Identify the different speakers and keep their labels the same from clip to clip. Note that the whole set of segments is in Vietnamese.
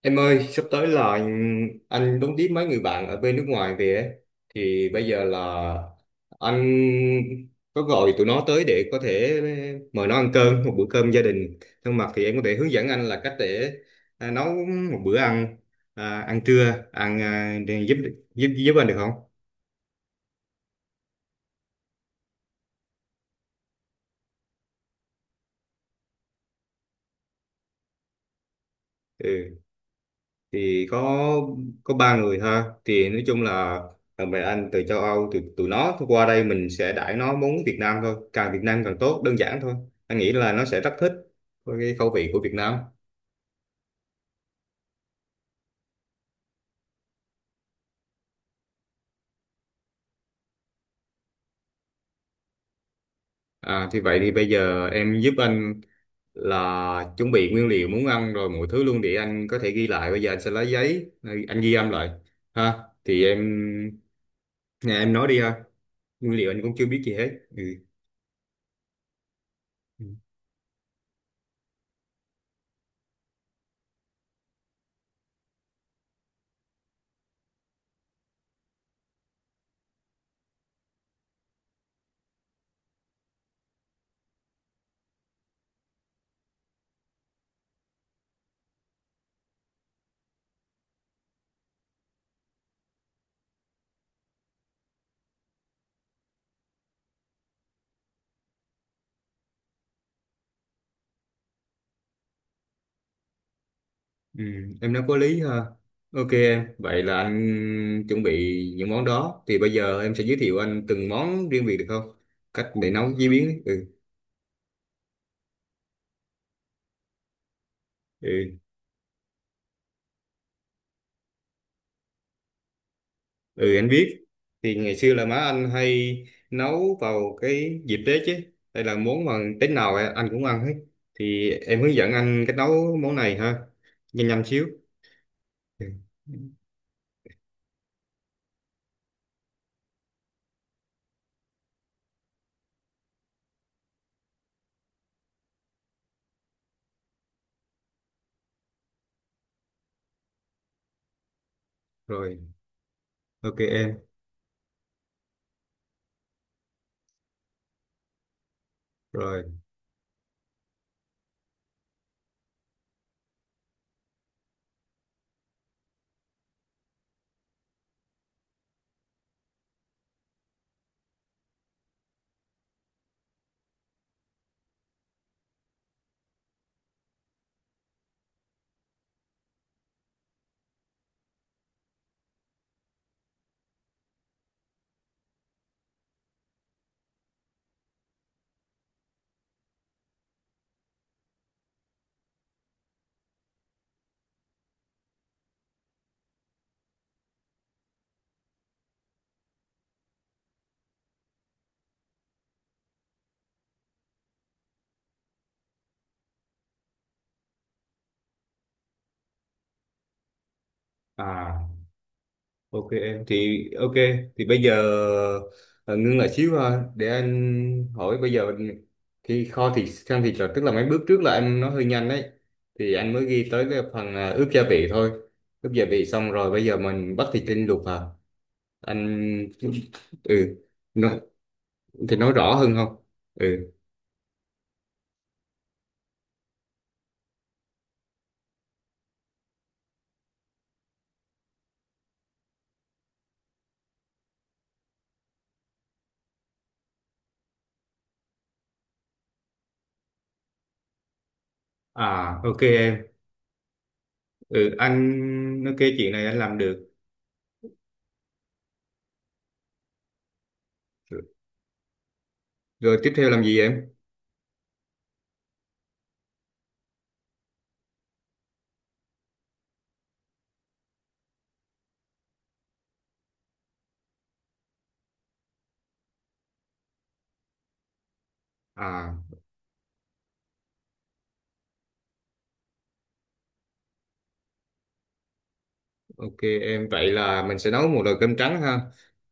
Speaker 1: Em ơi, sắp tới là anh đón tiếp mấy người bạn ở bên nước ngoài về ấy. Thì bây giờ là anh có gọi tụi nó tới để có thể mời nó ăn cơm, một bữa cơm gia đình thân mật. Thì em có thể hướng dẫn anh là cách để nấu một bữa ăn, ăn trưa, để giúp giúp giúp anh được không? Ừ. Thì có ba người ha. Thì nói chung là thằng bè anh từ châu Âu, từ tụi nó qua đây mình sẽ đãi nó món Việt Nam thôi, càng Việt Nam càng tốt, đơn giản thôi. Anh nghĩ là nó sẽ rất thích với cái khẩu vị của Việt Nam. À thì vậy thì bây giờ em giúp anh là chuẩn bị nguyên liệu muốn ăn rồi mọi thứ luôn để anh có thể ghi lại. Bây giờ anh sẽ lấy giấy, anh ghi âm lại ha. Thì em nè, em nói đi ha, nguyên liệu anh cũng chưa biết gì hết. Ừ. Ừ. Ừ, em nói có lý ha. Ok em, vậy là anh chuẩn bị những món đó. Thì bây giờ em sẽ giới thiệu anh từng món riêng biệt được không? Cách để nấu chế biến. Ừ, ừ, ừ anh biết. Thì ngày xưa là má anh hay nấu vào cái dịp Tết chứ. Đây là món mà Tết nào á, anh cũng ăn hết. Thì em hướng dẫn anh cách nấu món này ha. Nhanh nhanh xíu. Ừ. Rồi, ok em. Rồi. À. Ok em. Thì bây giờ ờ, ngưng lại xíu ha để anh hỏi. Bây giờ khi kho thịt, sang thịt, là tức là mấy bước trước là em nói hơi nhanh đấy, thì anh mới ghi tới cái phần ướp gia vị thôi. Ướp gia vị xong rồi bây giờ mình bắt thịt lên luộc à anh? Ừ. nó, thì nói rõ hơn không? Ừ. À. Ok em. Ừ, anh nói cái chuyện này anh làm được. Rồi tiếp theo làm gì em? À. Ok em, vậy là mình sẽ nấu một nồi cơm trắng ha.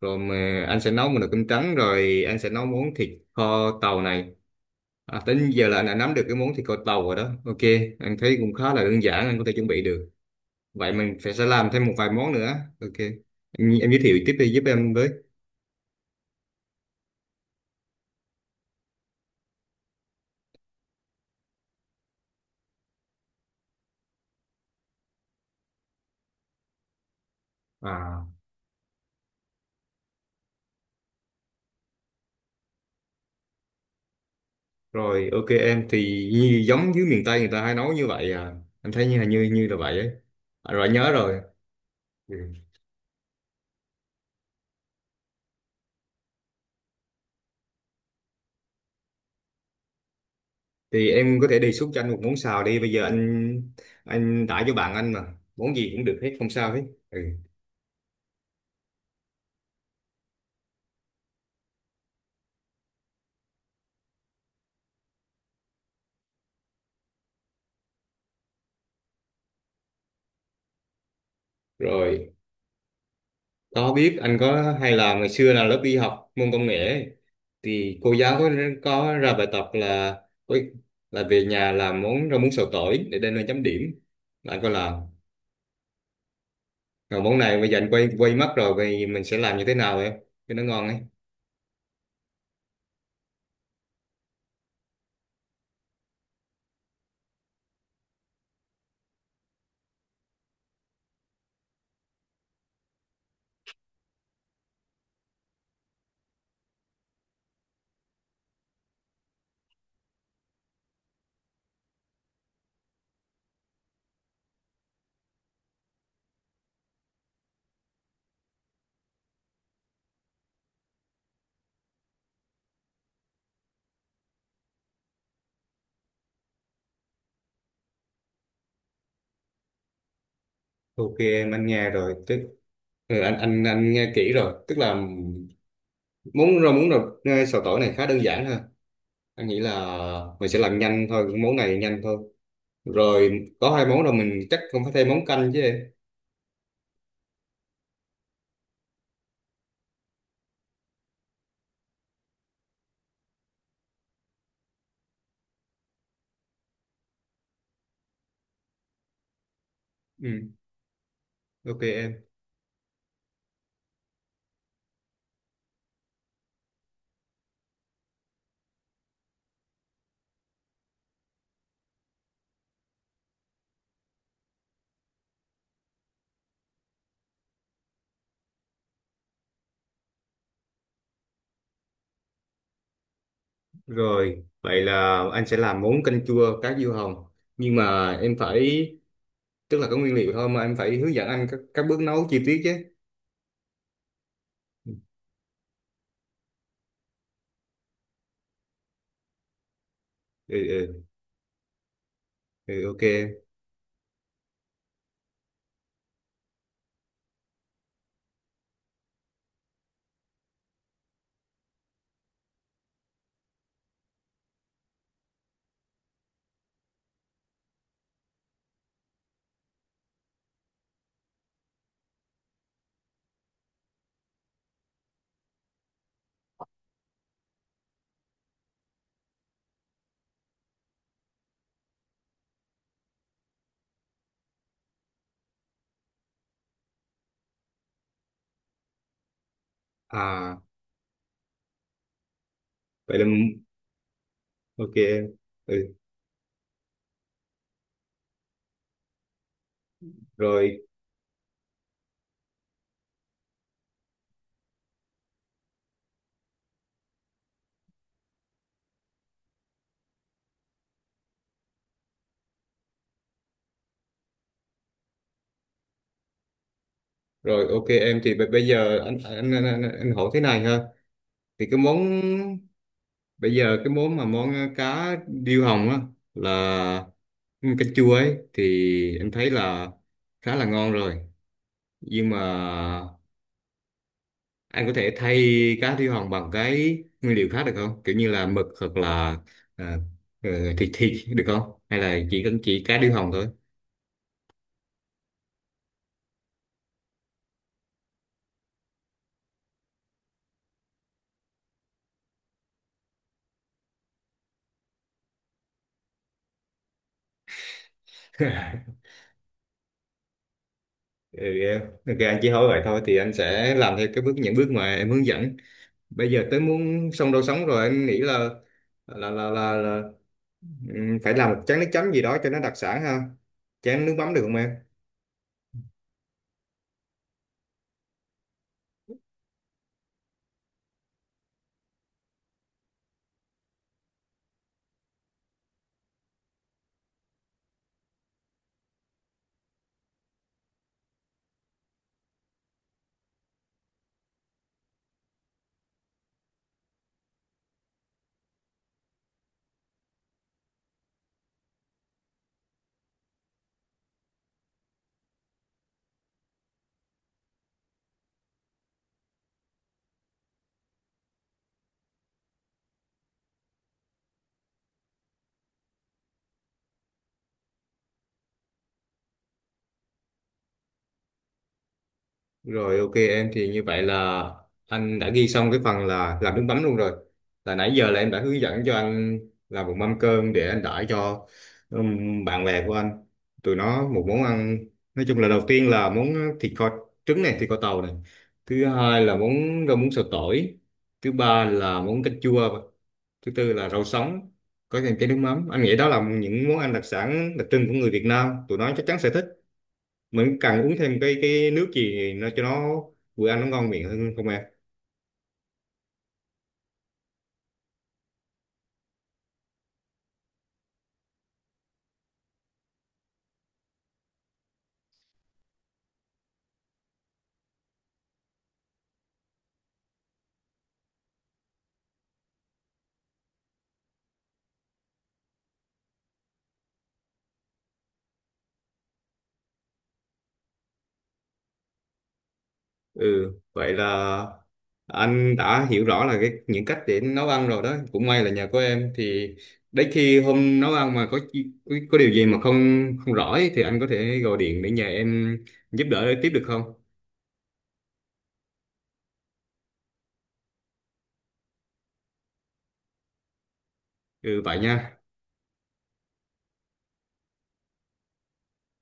Speaker 1: Rồi mà anh sẽ nấu một nồi cơm trắng, rồi anh sẽ nấu món thịt kho tàu này. À, tính giờ là anh đã nắm được cái món thịt kho tàu rồi đó. Ok, anh thấy cũng khá là đơn giản, anh có thể chuẩn bị được. Vậy mình phải sẽ làm thêm một vài món nữa. Ok. Em giới thiệu tiếp đi giúp em với. À rồi ok em, giống dưới miền Tây người ta hay nấu như vậy à. Anh thấy như là vậy ấy. À, rồi nhớ rồi. Ừ. Thì em có thể đề xuất cho anh một món xào đi. Bây giờ anh tải cho bạn anh mà món gì cũng được hết không sao hết. Ừ. Rồi có biết, anh có hay làm ngày xưa là lớp đi học môn công nghệ ấy, thì cô giáo có ra bài tập là ôi, là về nhà làm món rau muống xào tỏi để đem lên chấm điểm. Bạn có làm rồi. Món này bây giờ anh quay quay mắt rồi, vậy mình sẽ làm như thế nào em cho nó ngon ấy? Ok em, anh nghe rồi tức ừ, anh nghe kỹ rồi, tức là món rau muống, rau xào tỏi này khá đơn giản ha. Anh nghĩ là mình sẽ làm nhanh thôi, cái món này nhanh thôi. Rồi có hai món rồi, mình chắc không phải thêm món canh chứ em? Ừ, ok em. Rồi vậy là anh sẽ làm món canh chua cá diêu hồng. Nhưng mà em phải, tức là có nguyên liệu thôi mà em phải hướng dẫn anh các bước nấu chi tiết chứ. Ừ, ừ, ừ ok em. À vậy là ok em. Ừ, rồi rồi ok em thì bây giờ anh hỏi thế này ha. Thì cái món Bây giờ cái món cá điêu hồng á, là canh chua ấy, thì em thấy là khá là ngon rồi. Nhưng mà anh có thể thay cá điêu hồng bằng cái nguyên liệu khác được không? Kiểu như là mực hoặc là à, ờ, thịt thịt được không? Hay là chỉ cần chỉ cá điêu hồng thôi? Ừ, em. Ok anh chỉ hỏi vậy thôi, thì anh sẽ làm theo cái bước những bước mà em hướng dẫn. Bây giờ tới muốn xong đâu sống rồi, anh nghĩ là, phải làm một chén nước chấm gì đó cho nó đặc sản ha. Chén nước mắm được không em? Rồi ok em, thì như vậy là anh đã ghi xong cái phần là làm nước mắm luôn rồi. Là nãy giờ là em đã hướng dẫn cho anh làm một mâm cơm để anh đãi cho bạn bè của anh, tụi nó một món ăn. Nói chung là đầu tiên là món thịt kho trứng này, thịt kho tàu này, thứ hai là món rau muống xào tỏi, thứ ba là món canh chua, thứ tư là rau sống có kèm chén nước mắm. Anh nghĩ đó là những món ăn đặc sản đặc trưng của người Việt Nam, tụi nó chắc chắn sẽ thích. Mình cần uống thêm cái nước gì nó cho nó vừa ăn nó ngon miệng hơn không em? Ừ vậy là anh đã hiểu rõ là cái những cách để nấu ăn rồi đó. Cũng may là nhờ có em thì đấy khi hôm nấu ăn mà có có điều gì mà không không rõ ấy, thì anh có thể gọi điện để nhờ em giúp đỡ tiếp được không? Ừ vậy nha.